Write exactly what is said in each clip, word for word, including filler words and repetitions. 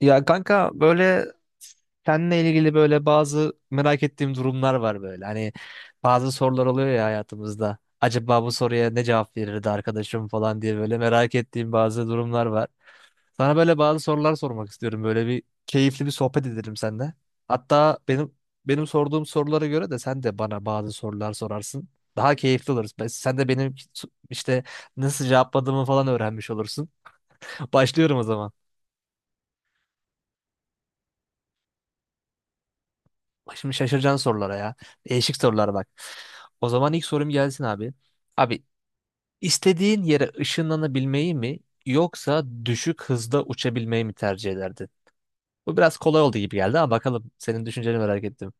Ya kanka böyle seninle ilgili böyle bazı merak ettiğim durumlar var böyle. Hani bazı sorular oluyor ya hayatımızda. Acaba bu soruya ne cevap verirdi arkadaşım falan diye böyle merak ettiğim bazı durumlar var. Sana böyle bazı sorular sormak istiyorum. Böyle bir keyifli bir sohbet edelim seninle. Hatta benim benim sorduğum sorulara göre de sen de bana bazı sorular sorarsın. Daha keyifli oluruz. Ben- Sen de benim işte nasıl cevapladığımı falan öğrenmiş olursun. Başlıyorum o zaman. Bak şimdi şaşıracaksın sorulara ya. Değişik sorular bak. O zaman ilk sorum gelsin abi. Abi istediğin yere ışınlanabilmeyi mi yoksa düşük hızda uçabilmeyi mi tercih ederdin? Bu biraz kolay oldu gibi geldi ama bakalım senin düşünceni merak ettim.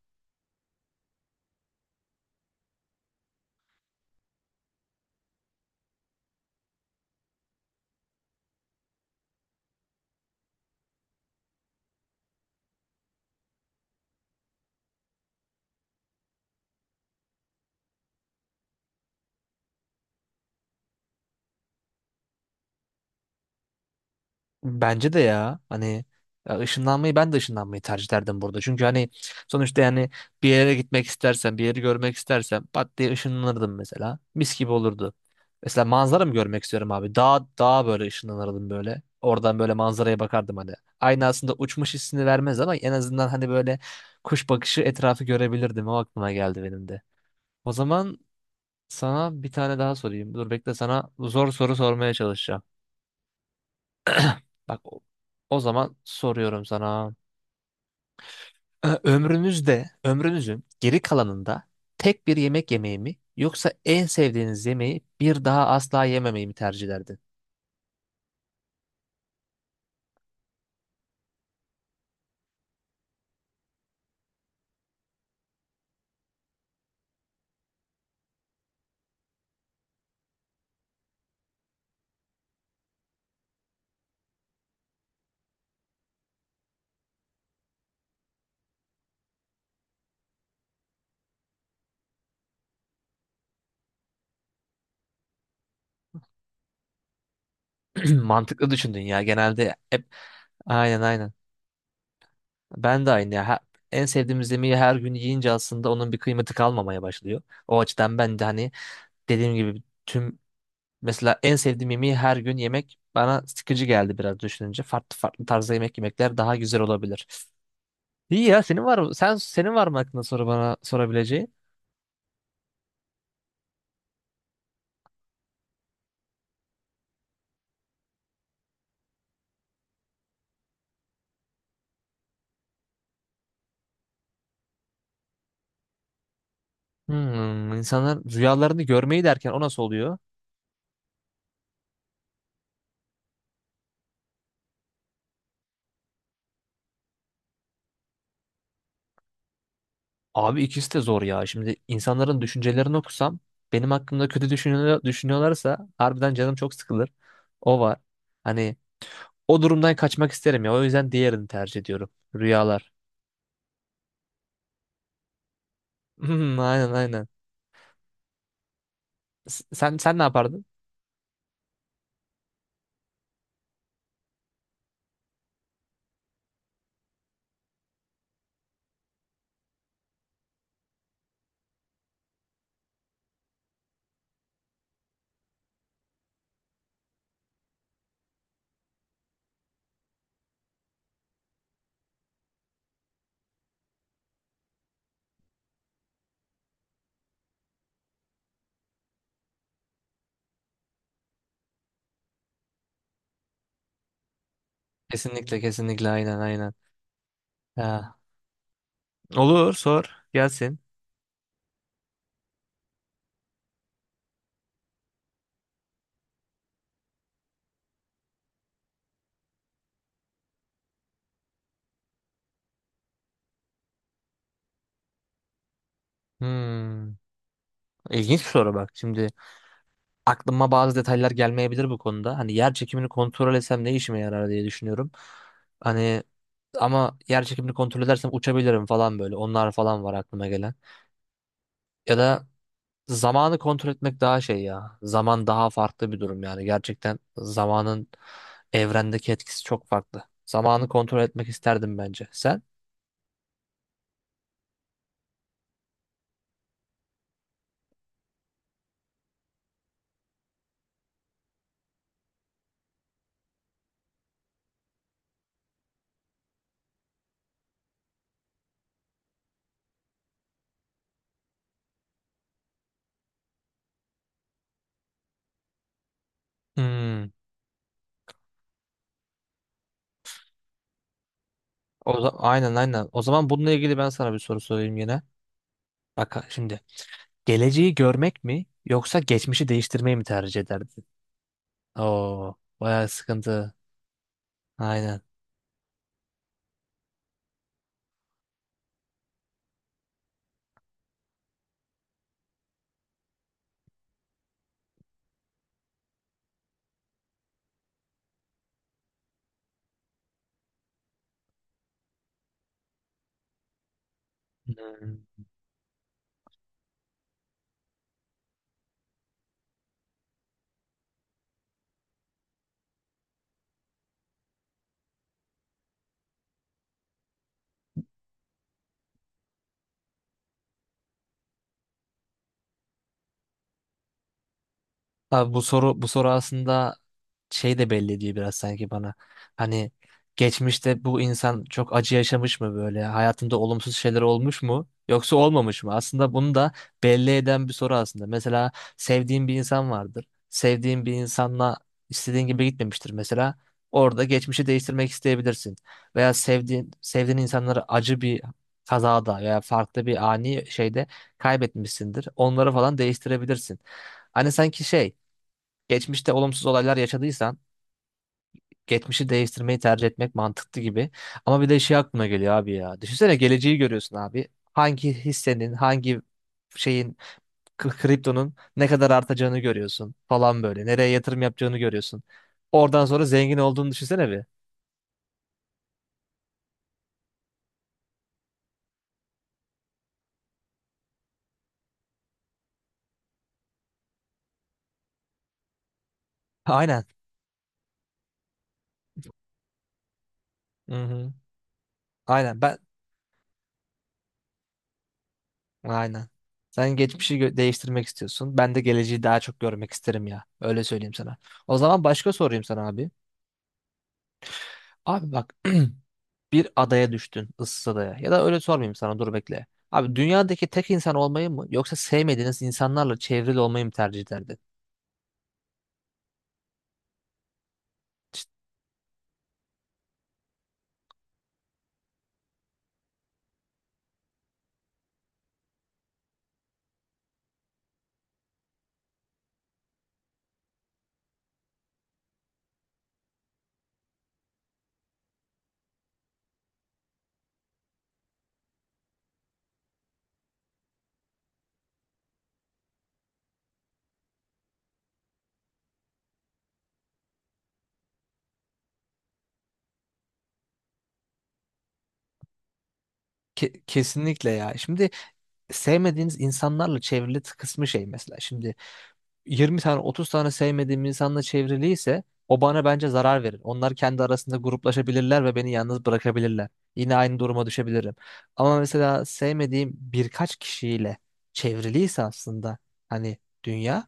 Bence de ya hani ya ışınlanmayı ben de ışınlanmayı tercih ederdim burada. Çünkü hani sonuçta yani bir yere gitmek istersen bir yeri görmek istersen pat diye ışınlanırdım mesela. Mis gibi olurdu. Mesela manzara mı görmek istiyorum abi? Dağ, dağa böyle ışınlanırdım böyle. Oradan böyle manzaraya bakardım hani. Aynı aslında uçmuş hissini vermez ama en azından hani böyle kuş bakışı etrafı görebilirdim. O aklıma geldi benim de. O zaman sana bir tane daha sorayım. Dur bekle sana zor soru sormaya çalışacağım. Bak o o zaman soruyorum sana. Ö- Ömrünüzde, ömrünüzün geri kalanında tek bir yemek yemeyi mi yoksa en sevdiğiniz yemeği bir daha asla yememeyi mi tercih ederdin? Mantıklı düşündün ya. Genelde hep aynen aynen. Ben de aynı ya. Ha- En sevdiğimiz yemeği her gün yiyince aslında onun bir kıymeti kalmamaya başlıyor. O açıdan ben de hani dediğim gibi tüm mesela en sevdiğim yemeği her gün yemek bana sıkıcı geldi biraz düşününce. Farklı farklı tarzda yemek yemekler daha güzel olabilir. İyi ya senin var mı? Sen senin var mı aklında soru bana sorabileceğin? Hmm, insanlar rüyalarını görmeyi derken o nasıl oluyor? Abi ikisi de zor ya. Şimdi insanların düşüncelerini okusam benim hakkımda kötü düşünüyor, düşünüyorlarsa harbiden canım çok sıkılır. O var. Hani o durumdan kaçmak isterim ya. O yüzden diğerini tercih ediyorum. Rüyalar. Hmm, aynen aynen. S- Sen sen ne yapardın? Kesinlikle kesinlikle aynen aynen. Ha. Olur sor gelsin. Hmm, ilginç bir soru bak şimdi. Aklıma bazı detaylar gelmeyebilir bu konuda. Hani yer çekimini kontrol etsem ne işime yarar diye düşünüyorum. Hani ama yer çekimini kontrol edersem uçabilirim falan böyle. Onlar falan var aklıma gelen. Ya da zamanı kontrol etmek daha şey ya. Zaman daha farklı bir durum yani. Gerçekten zamanın evrendeki etkisi çok farklı. Zamanı kontrol etmek isterdim bence. Sen? Hmm. O za- aynen aynen. O zaman bununla ilgili ben sana bir soru sorayım yine. Bak şimdi geleceği görmek mi yoksa geçmişi değiştirmeyi mi tercih ederdin? Oo, bayağı sıkıntı. Aynen. Hmm. Abi bu soru bu soru aslında şey de belli diyor biraz sanki bana. Hani geçmişte bu insan çok acı yaşamış mı böyle? Hayatında olumsuz şeyler olmuş mu? Yoksa olmamış mı? Aslında bunu da belli eden bir soru aslında. Mesela sevdiğin bir insan vardır. Sevdiğin bir insanla istediğin gibi gitmemiştir mesela. Orada geçmişi değiştirmek isteyebilirsin. Veya sevdiğin sevdiğin insanları acı bir kazada veya farklı bir ani şeyde kaybetmişsindir. Onları falan değiştirebilirsin. Hani sanki şey geçmişte olumsuz olaylar yaşadıysan geçmişi değiştirmeyi tercih etmek mantıklı gibi. Ama bir de şey aklıma geliyor abi ya. Düşünsene geleceği görüyorsun abi. Hangi hissenin, hangi şeyin, k- kriptonun ne kadar artacağını görüyorsun falan böyle. Nereye yatırım yapacağını görüyorsun. Oradan sonra zengin olduğunu düşünsene bir. Aynen. Hı hı. Aynen ben aynen. Sen geçmişi gö- değiştirmek istiyorsun. Ben de geleceği daha çok görmek isterim ya. Öyle söyleyeyim sana. O zaman başka sorayım sana abi. Abi bak bir adaya düştün, ıssız adaya. Ya da öyle sormayayım sana, dur bekle. Abi dünyadaki tek insan olmayı mı yoksa sevmediğiniz insanlarla çevrili olmayı mı tercih ederdin? Ke- kesinlikle ya. Şimdi sevmediğiniz insanlarla çevrili kısmı şey mesela. Şimdi yirmi tane otuz tane sevmediğim insanla çevriliyse o bana bence zarar verir. Onlar kendi arasında gruplaşabilirler ve beni yalnız bırakabilirler. Yine aynı duruma düşebilirim. Ama mesela sevmediğim birkaç kişiyle çevriliyse aslında hani dünya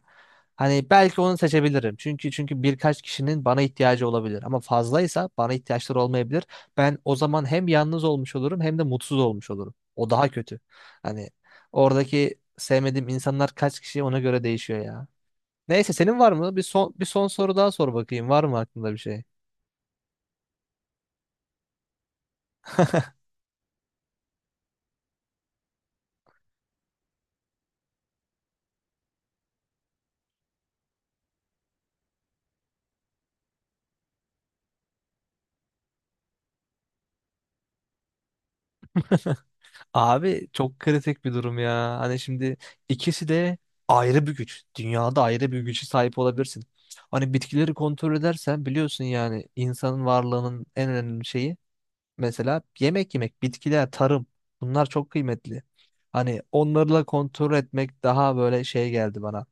hani belki onu seçebilirim. Çünkü çünkü birkaç kişinin bana ihtiyacı olabilir ama fazlaysa bana ihtiyaçları olmayabilir. Ben o zaman hem yalnız olmuş olurum hem de mutsuz olmuş olurum. O daha kötü. Hani oradaki sevmediğim insanlar kaç kişi ona göre değişiyor ya. Neyse senin var mı? Bir son bir son soru daha sor bakayım. Var mı aklında bir şey? Abi çok kritik bir durum ya. Hani şimdi ikisi de ayrı bir güç. Dünyada ayrı bir güce sahip olabilirsin. Hani bitkileri kontrol edersen biliyorsun yani insanın varlığının en önemli şeyi mesela yemek yemek, bitkiler, tarım bunlar çok kıymetli. Hani onlarla kontrol etmek daha böyle şey geldi bana.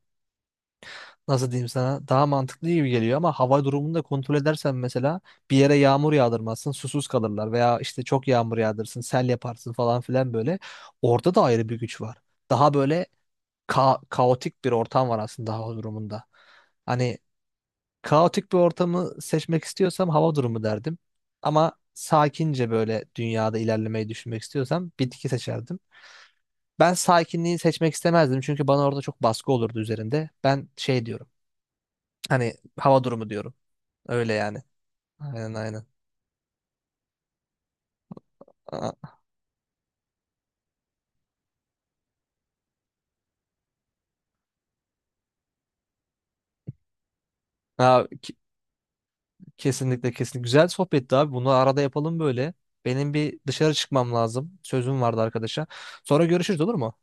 Nasıl diyeyim sana daha mantıklı gibi geliyor ama hava durumunu da kontrol edersen mesela bir yere yağmur yağdırmazsın susuz kalırlar veya işte çok yağmur yağdırırsın sel yaparsın falan filan böyle orada da ayrı bir güç var. Daha böyle ka kaotik bir ortam var aslında hava durumunda. Hani kaotik bir ortamı seçmek istiyorsam hava durumu derdim ama sakince böyle dünyada ilerlemeyi düşünmek istiyorsam bitki seçerdim. Ben sakinliği seçmek istemezdim çünkü bana orada çok baskı olurdu üzerinde. Ben şey diyorum. Hani hava durumu diyorum. Öyle yani. Aynen aynen. Aa, aa, ki- kesinlikle kesinlikle. Güzel sohbetti abi. Bunu arada yapalım böyle. Benim bir dışarı çıkmam lazım. Sözüm vardı arkadaşa. Sonra görüşürüz olur mu?